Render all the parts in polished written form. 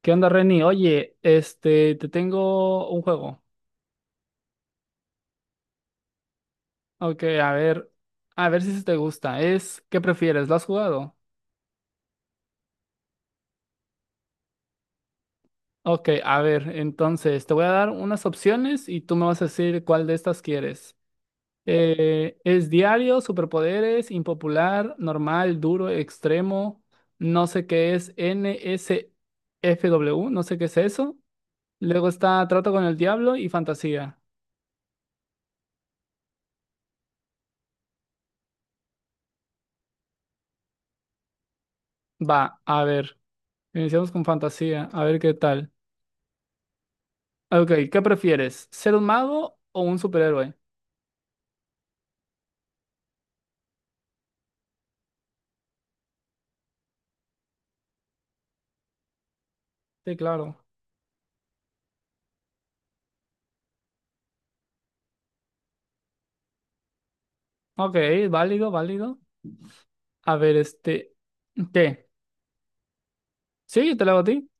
¿Qué onda, Reni? Oye, te tengo un juego. Ok, a ver si se te gusta. ¿Qué prefieres? ¿Lo has jugado? Ok, a ver, entonces te voy a dar unas opciones y tú me vas a decir cuál de estas quieres. ¿Es diario, superpoderes, impopular, normal, duro, extremo? No sé qué es NSFW, no sé qué es eso. Luego está trato con el diablo y fantasía. Va, a ver, iniciamos con fantasía, a ver qué tal. Ah, ok, ¿qué prefieres? ¿Ser un mago o un superhéroe? Sí, claro. Ok, válido, válido. A ver, este. ¿Qué? ¿Sí? ¿Te lo hago a ti?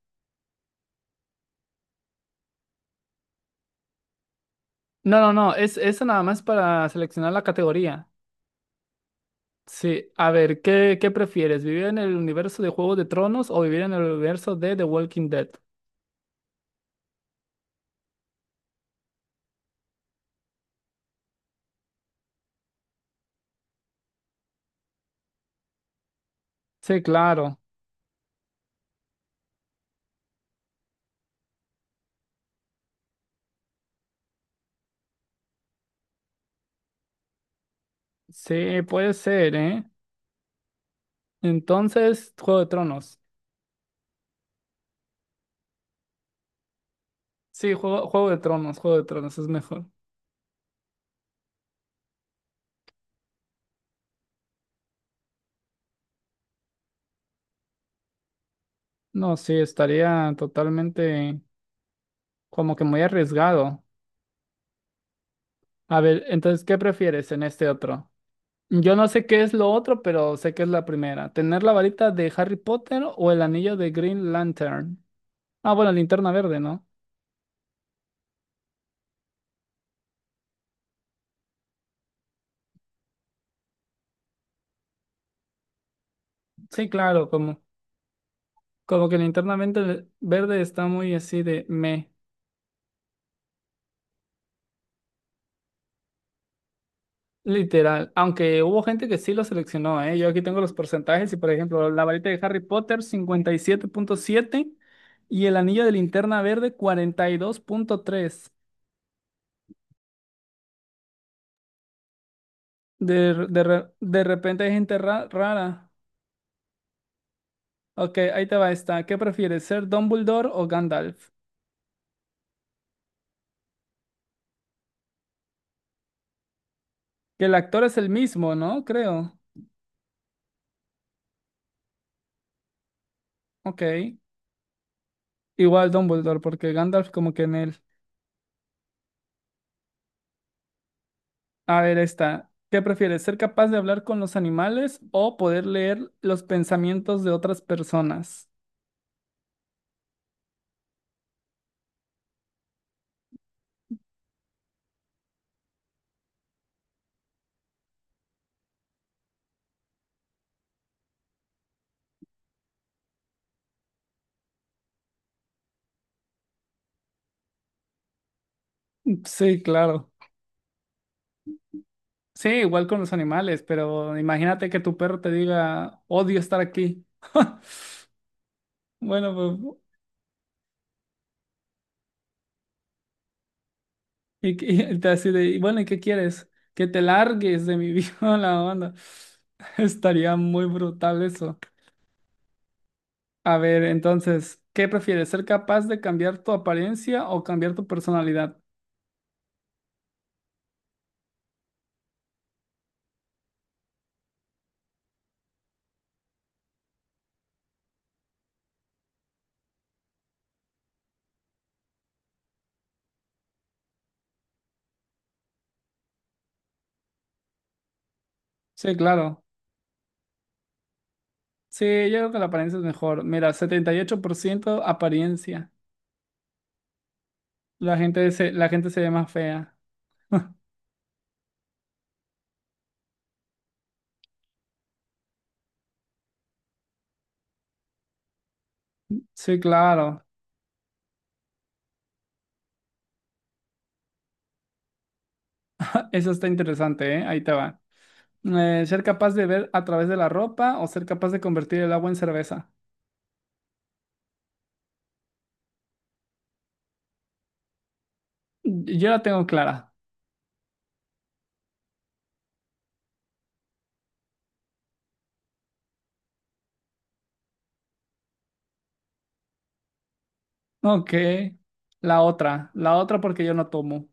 No, no, no. Es eso nada más para seleccionar la categoría. Sí, a ver, ¿qué prefieres? ¿Vivir en el universo de Juego de Tronos o vivir en el universo de The Walking Dead? Sí, claro. Sí, puede ser, ¿eh? Entonces, Juego de Tronos. Sí, Juego de Tronos, Juego de Tronos es mejor. No, sí, estaría totalmente como que muy arriesgado. A ver, entonces, ¿qué prefieres en este otro? Yo no sé qué es lo otro, pero sé que es la primera. ¿Tener la varita de Harry Potter o el anillo de Green Lantern? Ah, bueno, linterna verde, ¿no? Sí, claro, como que linterna verde, verde está muy así de me, literal. Aunque hubo gente que sí lo seleccionó, ¿eh? Yo aquí tengo los porcentajes y, por ejemplo, la varita de Harry Potter, 57,7 y el anillo de linterna verde, 42,3. De repente hay gente rara. Ok, ahí te va esta. ¿Qué prefieres, ser Dumbledore o Gandalf? Que el actor es el mismo, ¿no? Creo. Ok. Igual Dumbledore, porque Gandalf como que en él. A ver, esta. ¿Qué prefieres, ser capaz de hablar con los animales o poder leer los pensamientos de otras personas? Sí, claro. Sí, igual con los animales, pero imagínate que tu perro te diga, odio estar aquí. Bueno, pues. Y él te así de, "Y bueno, ¿y qué quieres? Que te largues de mi vida," la onda. Estaría muy brutal eso. A ver, entonces, ¿qué prefieres? ¿Ser capaz de cambiar tu apariencia o cambiar tu personalidad? Sí, claro. Sí, yo creo que la apariencia es mejor. Mira, 78% apariencia. La gente se ve más fea. Sí, claro. Eso está interesante, ¿eh? Ahí te va. ¿Ser capaz de ver a través de la ropa o ser capaz de convertir el agua en cerveza? Yo la tengo clara. Ok, la otra porque yo no tomo.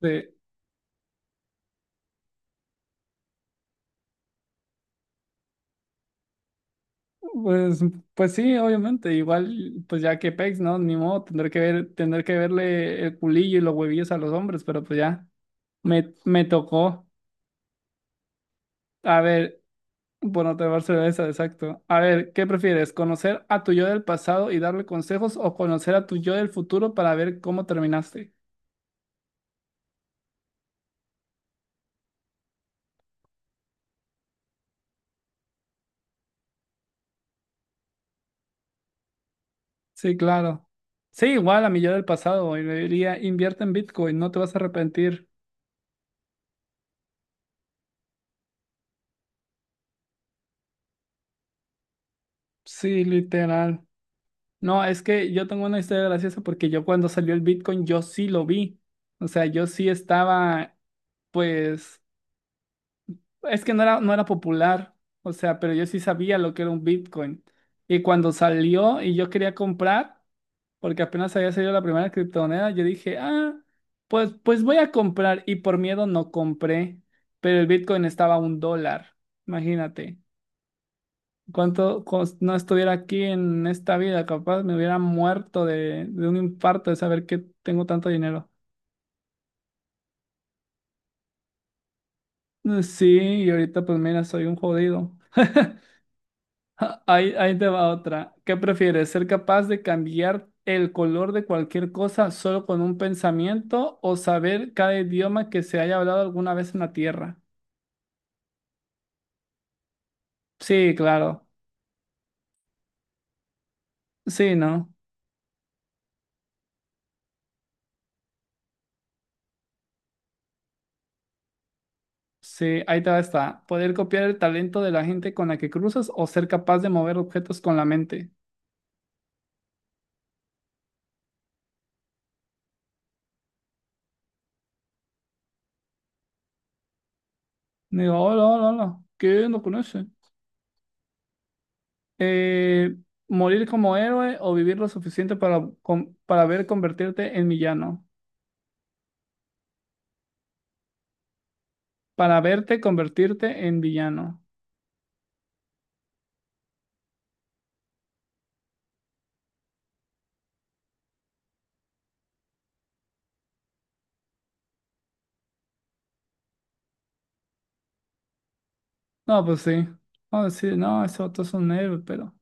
Sí, Pues, pues sí, obviamente, igual, pues ya que pex, ¿no? Ni modo, tendré que ver, tendré que verle el culillo y los huevillos a los hombres, pero pues ya, me tocó. A ver, bueno, tomar cerveza, exacto. A ver, ¿qué prefieres? ¿Conocer a tu yo del pasado y darle consejos o conocer a tu yo del futuro para ver cómo terminaste? Sí, claro. Sí, igual a mi yo del pasado, y le diría, invierte en Bitcoin, no te vas a arrepentir. Sí, literal. No, es que yo tengo una historia graciosa porque yo cuando salió el Bitcoin yo sí lo vi. O sea, yo sí estaba, pues, es que no era popular. O sea, pero yo sí sabía lo que era un Bitcoin. Y cuando salió y yo quería comprar, porque apenas había salido la primera criptomoneda, yo dije, ah, pues voy a comprar. Y por miedo no compré, pero el Bitcoin estaba a $1, imagínate no estuviera aquí en esta vida, capaz me hubiera muerto de un infarto de saber que tengo tanto dinero. Sí, y ahorita pues mira, soy un jodido. Ja, ahí te va otra. ¿Qué prefieres? ¿Ser capaz de cambiar el color de cualquier cosa solo con un pensamiento o saber cada idioma que se haya hablado alguna vez en la Tierra? Sí, claro. Sí, ¿no? Sí, ahí te va esta. Poder copiar el talento de la gente con la que cruzas o ser capaz de mover objetos con la mente. Me dijo, hola, hola, hola, ¿qué no conoce? Eh, ¿morir como héroe o vivir lo suficiente para ver convertirte en villano? Para verte convertirte en villano. No, pues sí. No, sí, no, ese otro es un héroe, pero...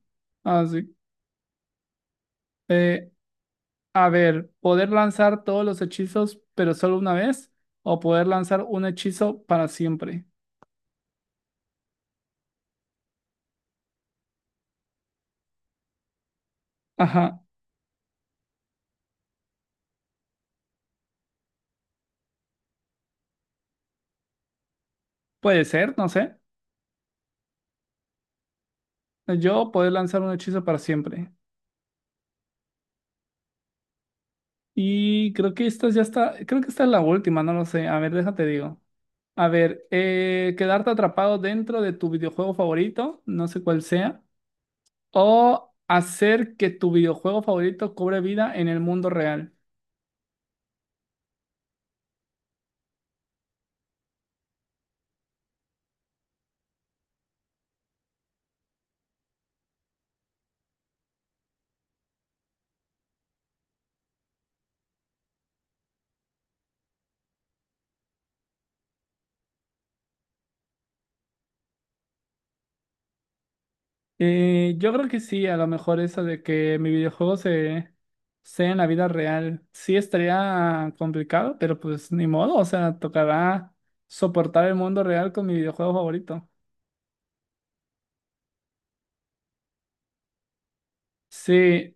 Ah, sí. Eh, a ver, ¿poder lanzar todos los hechizos, pero solo una vez? ¿O poder lanzar un hechizo para siempre? Ajá, puede ser, no sé. Yo poder lanzar un hechizo para siempre. Y creo que esta ya está, creo que esta es la última, no lo sé. A ver, déjate digo. A ver, quedarte atrapado dentro de tu videojuego favorito, no sé cuál sea, o hacer que tu videojuego favorito cobre vida en el mundo real. Yo creo que sí, a lo mejor eso de que mi videojuego se sea en la vida real, sí estaría complicado, pero pues ni modo, o sea, tocará soportar el mundo real con mi videojuego favorito. Sí,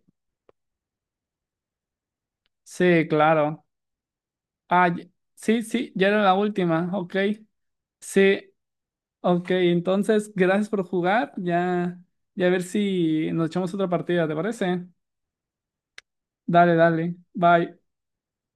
sí, claro. Ah, sí, sí, ya era la última, ok. Sí, ok, entonces gracias por jugar, ya, ya a ver si nos echamos otra partida, ¿te parece? Dale, dale, bye.